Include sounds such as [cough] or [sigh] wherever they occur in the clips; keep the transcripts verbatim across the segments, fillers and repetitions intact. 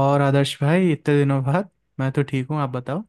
और आदर्श भाई, इतने दिनों बाद। मैं तो ठीक हूँ, आप बताओ।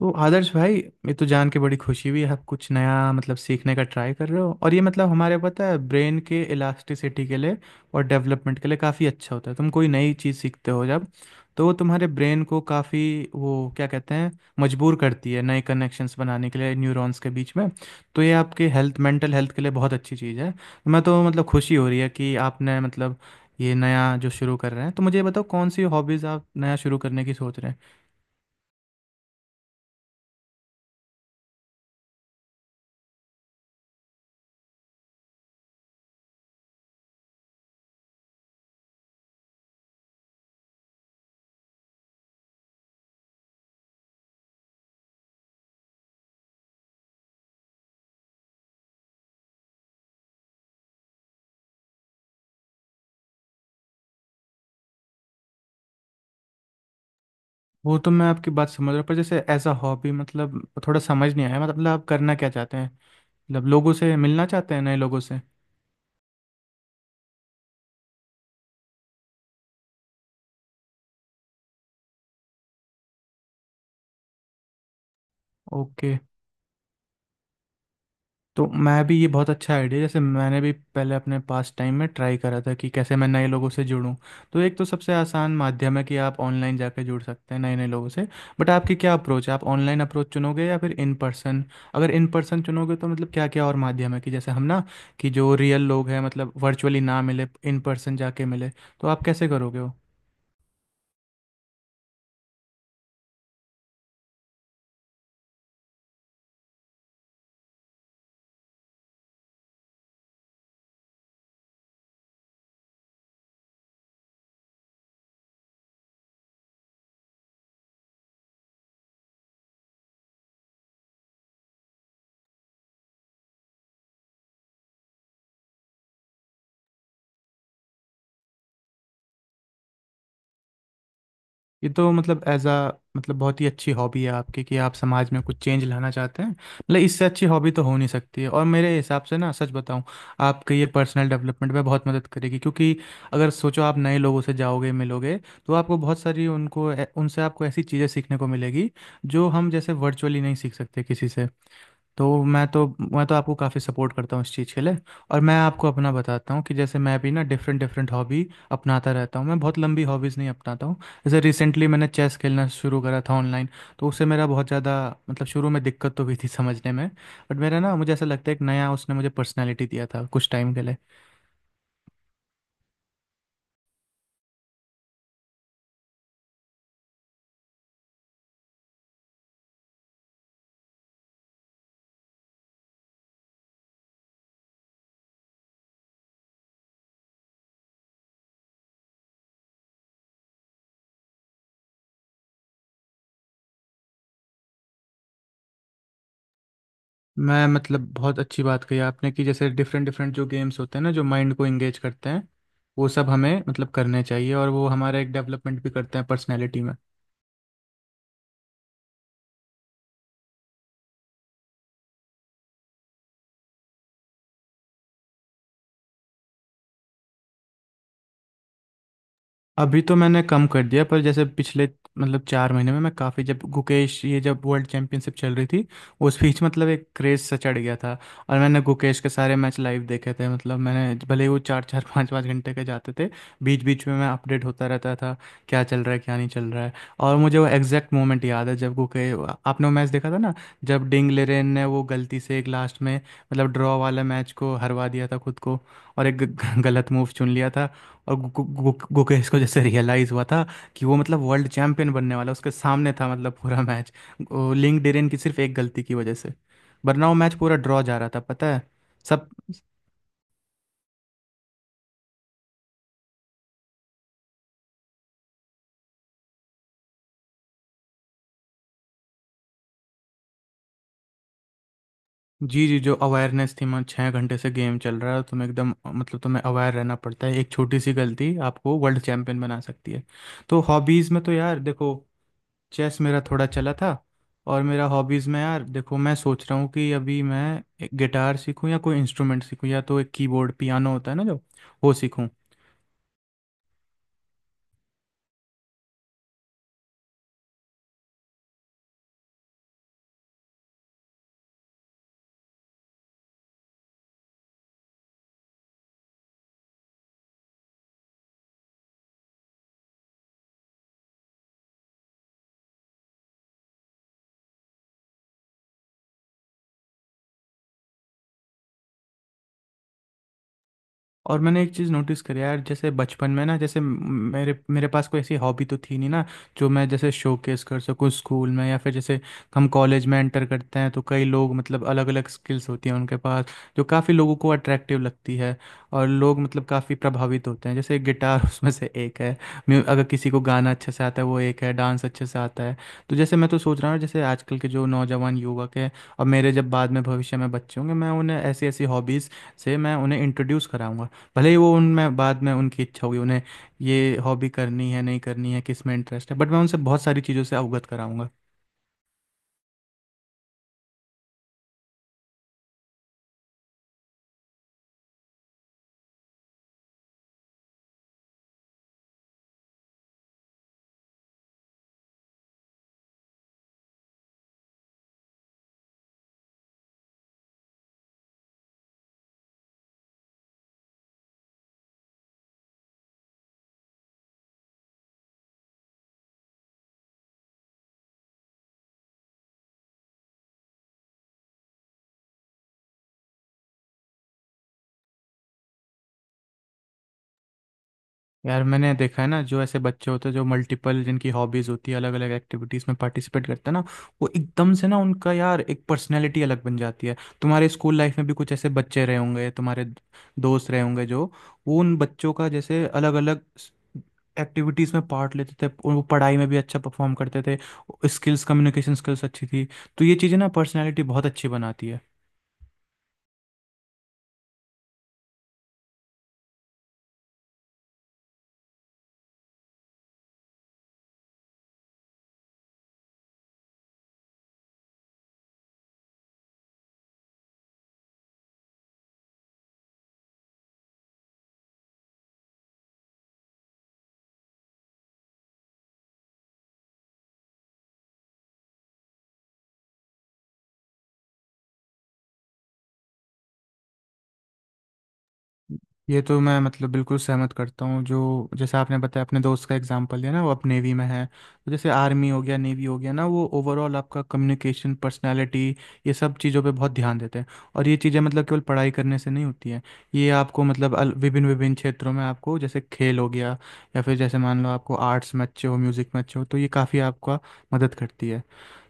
तो आदर्श भाई, ये तो जान के बड़ी खुशी हुई आप कुछ नया मतलब सीखने का ट्राई कर रहे हो, और ये मतलब हमारे पता है ब्रेन के इलास्टिसिटी के लिए और डेवलपमेंट के लिए काफ़ी अच्छा होता है तुम कोई नई चीज़ सीखते हो जब। तो वो तुम्हारे ब्रेन को काफ़ी, वो क्या कहते हैं, मजबूर करती है नए कनेक्शंस बनाने के लिए न्यूरॉन्स के बीच में। तो ये आपके हेल्थ, मेंटल हेल्थ के लिए बहुत अच्छी चीज़ है, तो मैं तो मतलब खुशी हो रही है कि आपने मतलब ये नया जो शुरू कर रहे हैं। तो मुझे ये बताओ कौन सी हॉबीज़ आप नया शुरू करने की सोच रहे हैं। वो तो मैं आपकी बात समझ रहा हूँ पर जैसे एज अ हॉबी मतलब थोड़ा समझ नहीं आया, मतलब आप करना क्या चाहते हैं, मतलब लोगों से मिलना चाहते हैं नए लोगों से? ओके। तो मैं भी, ये बहुत अच्छा आइडिया, जैसे मैंने भी पहले अपने पास टाइम में ट्राई करा था कि कैसे मैं नए लोगों से जुड़ूं। तो एक तो सबसे आसान माध्यम है कि आप ऑनलाइन जाकर जुड़ सकते हैं नए नए लोगों से, बट आपकी क्या अप्रोच है, आप ऑनलाइन अप्रोच चुनोगे या फिर इन पर्सन? अगर इन पर्सन चुनोगे तो मतलब क्या क्या और माध्यम है कि जैसे हम ना, कि जो रियल लोग हैं मतलब वर्चुअली ना मिले, इन पर्सन जाके मिले, तो आप कैसे करोगे वो? ये तो मतलब एज अ मतलब बहुत ही अच्छी हॉबी है आपकी कि आप समाज में कुछ चेंज लाना चाहते हैं, मतलब इससे अच्छी हॉबी तो हो नहीं सकती है, और मेरे हिसाब से ना, सच बताऊं, आपके ये पर्सनल डेवलपमेंट में बहुत मदद करेगी, क्योंकि अगर सोचो आप नए लोगों से जाओगे मिलोगे तो आपको बहुत सारी उनको ए- उनसे आपको ऐसी चीज़ें सीखने को मिलेगी जो हम जैसे वर्चुअली नहीं सीख सकते किसी से। तो मैं तो मैं तो आपको काफ़ी सपोर्ट करता हूँ इस चीज़ के लिए, और मैं आपको अपना बताता हूँ कि जैसे मैं भी ना डिफरेंट डिफरेंट हॉबी अपनाता रहता हूँ, मैं बहुत लंबी हॉबीज़ नहीं अपनाता हूँ। जैसे रिसेंटली मैंने चेस खेलना शुरू करा था ऑनलाइन, तो उससे मेरा बहुत ज़्यादा, मतलब शुरू में दिक्कत तो हुई थी समझने में, बट मेरा ना मुझे ऐसा लगता है एक नया उसने मुझे पर्सनैलिटी दिया था कुछ टाइम के लिए। मैं मतलब बहुत अच्छी बात कही आपने कि जैसे डिफरेंट डिफरेंट जो गेम्स होते हैं ना जो माइंड को एंगेज करते हैं, वो सब हमें मतलब करने चाहिए, और वो हमारा एक डेवलपमेंट भी करते हैं पर्सनैलिटी में। अभी तो मैंने कम कर दिया पर जैसे पिछले मतलब चार महीने में मैं काफ़ी, जब गुकेश ये जब वर्ल्ड चैंपियनशिप चल रही थी उस बीच, मतलब एक क्रेज़ सा चढ़ गया था। और मैंने गुकेश के सारे मैच लाइव देखे थे, मतलब मैंने भले ही वो चार चार पाँच पाँच घंटे के जाते थे, बीच बीच में मैं अपडेट होता रहता था क्या चल रहा है क्या नहीं चल रहा है। और मुझे वो एग्जैक्ट मोमेंट याद है जब गुके आपने वो मैच देखा था ना, जब डिंग लेरेन ने वो गलती से एक लास्ट में मतलब ड्रॉ वाला मैच को हरवा दिया था खुद को, और एक ग- गलत मूव चुन लिया था, और गु, गु, गु, गुकेश को जैसे रियलाइज हुआ था कि वो मतलब वर्ल्ड चैंपियन बनने वाला उसके सामने था, मतलब पूरा मैच लिंक डेरेन की सिर्फ एक गलती की वजह से, वरना वो मैच पूरा ड्रॉ जा रहा था, पता है सब। जी जी, जो अवेयरनेस थी, मैं छः घंटे से गेम चल रहा है तुम्हें एकदम मतलब तुम्हें अवेयर रहना पड़ता है, एक छोटी सी गलती आपको वर्ल्ड चैंपियन बना सकती है। तो हॉबीज़ में तो यार देखो, चेस मेरा थोड़ा चला था, और मेरा हॉबीज़ में यार देखो, मैं सोच रहा हूँ कि अभी मैं एक गिटार सीखूँ या कोई इंस्ट्रूमेंट सीखूँ या तो एक कीबोर्ड पियानो होता है ना, जो वो सीखूँ। और मैंने एक चीज़ नोटिस करी यार, जैसे बचपन में ना, जैसे म- मेरे मेरे पास कोई ऐसी हॉबी तो थी नहीं ना, जो मैं जैसे शोकेस कर सकूँ स्कूल में या फिर जैसे हम कॉलेज में एंटर करते हैं तो कई लोग मतलब अलग अलग स्किल्स होती हैं उनके पास जो काफ़ी लोगों को अट्रैक्टिव लगती है, और लोग मतलब काफ़ी प्रभावित होते हैं, जैसे गिटार [laughs] उसमें से एक है, म्यू- अगर किसी को गाना अच्छे से आता है वो एक है, डांस अच्छे से आता है। तो जैसे मैं तो सोच रहा हूँ, जैसे आजकल के जो नौजवान युवक हैं और मेरे जब बाद में भविष्य में बच्चे होंगे, मैं उन्हें ऐसी ऐसी हॉबीज़ से मैं उन्हें इंट्रोड्यूस कराऊंगा। भले ही वो उनमें बाद में उनकी इच्छा होगी उन्हें ये हॉबी करनी है नहीं करनी है किस में इंटरेस्ट है, बट मैं उनसे बहुत सारी चीज़ों से अवगत कराऊंगा। यार मैंने देखा है ना, जो ऐसे बच्चे होते हैं जो मल्टीपल जिनकी हॉबीज होती है, अलग अलग एक्टिविटीज में पार्टिसिपेट करते हैं ना, वो एकदम से ना उनका यार एक पर्सनैलिटी अलग बन जाती है। तुम्हारे स्कूल लाइफ में भी कुछ ऐसे बच्चे रहे होंगे, तुम्हारे दोस्त रहे होंगे जो, वो उन बच्चों का जैसे अलग अलग एक्टिविटीज़ में पार्ट लेते थे, वो पढ़ाई में भी अच्छा परफॉर्म करते थे, स्किल्स कम्युनिकेशन स्किल्स अच्छी थी, तो ये चीज़ें ना पर्सनैलिटी बहुत अच्छी बनाती है। ये तो मैं मतलब बिल्कुल सहमत करता हूँ, जो जैसे आपने बताया अपने दोस्त का एग्जांपल दिया ना वो अब नेवी में है, तो जैसे आर्मी हो गया नेवी हो गया ना, वो ओवरऑल आपका कम्युनिकेशन पर्सनालिटी, ये सब चीज़ों पे बहुत ध्यान देते हैं, और ये चीज़ें मतलब केवल पढ़ाई करने से नहीं होती हैं। ये आपको मतलब अल- विभिन्न विभिन्न क्षेत्रों में आपको जैसे खेल हो गया या फिर जैसे मान लो आपको आर्ट्स में अच्छे हो म्यूज़िक में अच्छे हो, तो ये काफ़ी आपका मदद करती है।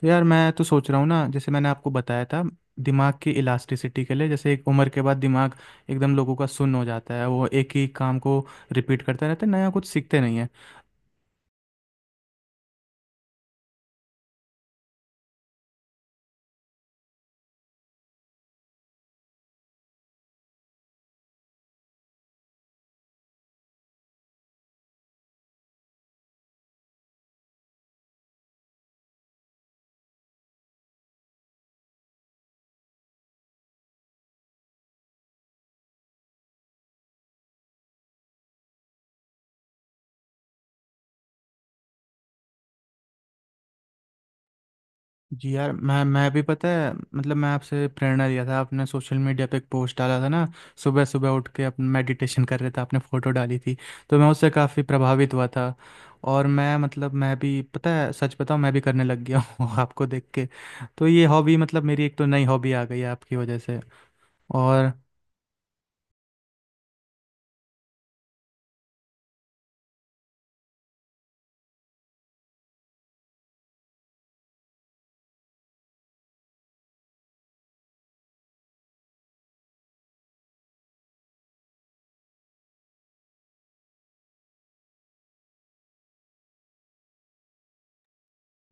तो यार मैं तो सोच रहा हूँ ना, जैसे मैंने आपको बताया था दिमाग की इलास्टिसिटी के लिए, जैसे एक उम्र के बाद दिमाग एकदम लोगों का सुन्न हो जाता है, वो एक ही काम को रिपीट करता रहता है, नया कुछ सीखते नहीं है। जी यार, मैं मैं भी पता है मतलब मैं आपसे प्रेरणा लिया था, आपने सोशल मीडिया पे एक पोस्ट डाला था ना, सुबह सुबह उठ के अपने मेडिटेशन कर रहे थे, आपने फ़ोटो डाली थी, तो मैं उससे काफ़ी प्रभावित हुआ था, और मैं मतलब मैं भी पता है सच बताऊं मैं भी करने लग गया हूँ [laughs] आपको देख के। तो ये हॉबी मतलब मेरी एक तो नई हॉबी आ गई है आपकी वजह से। और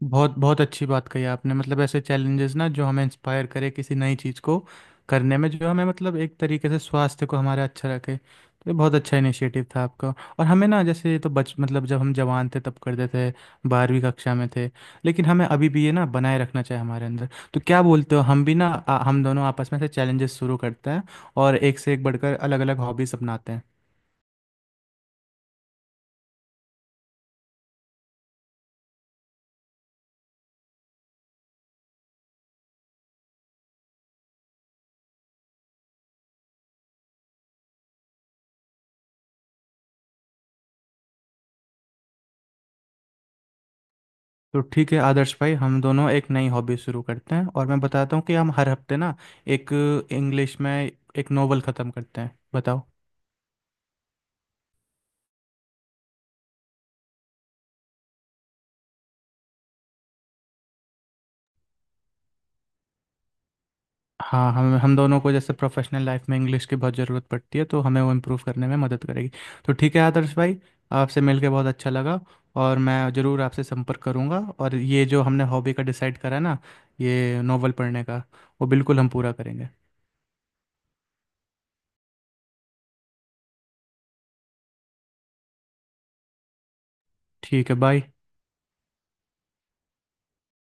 बहुत बहुत अच्छी बात कही आपने, मतलब ऐसे चैलेंजेस ना जो हमें इंस्पायर करे किसी नई चीज़ को करने में, जो हमें मतलब एक तरीके से स्वास्थ्य को हमारा अच्छा रखे, तो ये बहुत अच्छा इनिशिएटिव था आपका। और हमें ना जैसे ये तो बच मतलब जब हम जवान थे तब करते थे, बारहवीं कक्षा में थे, लेकिन हमें अभी भी ये ना बनाए रखना चाहिए हमारे अंदर, तो क्या बोलते हो हम भी ना, आ, हम दोनों आपस में से चैलेंजेस शुरू करते हैं और एक से एक बढ़कर अलग अलग हॉबीज अपनाते हैं। तो ठीक है आदर्श भाई, हम दोनों एक नई हॉबी शुरू करते हैं और मैं बताता हूँ कि हम हर हफ्ते ना एक, इंग्लिश में एक नोवेल ख़त्म करते हैं, बताओ? हाँ, हम हम दोनों को जैसे प्रोफेशनल लाइफ में इंग्लिश की बहुत ज़रूरत पड़ती है, तो हमें वो इम्प्रूव करने में मदद करेगी। तो ठीक है आदर्श भाई, आपसे मिलके बहुत अच्छा लगा, और मैं ज़रूर आपसे संपर्क करूँगा, और ये जो हमने हॉबी का डिसाइड करा ना, ये नोवेल पढ़ने का, वो बिल्कुल हम पूरा करेंगे। ठीक है, बाय।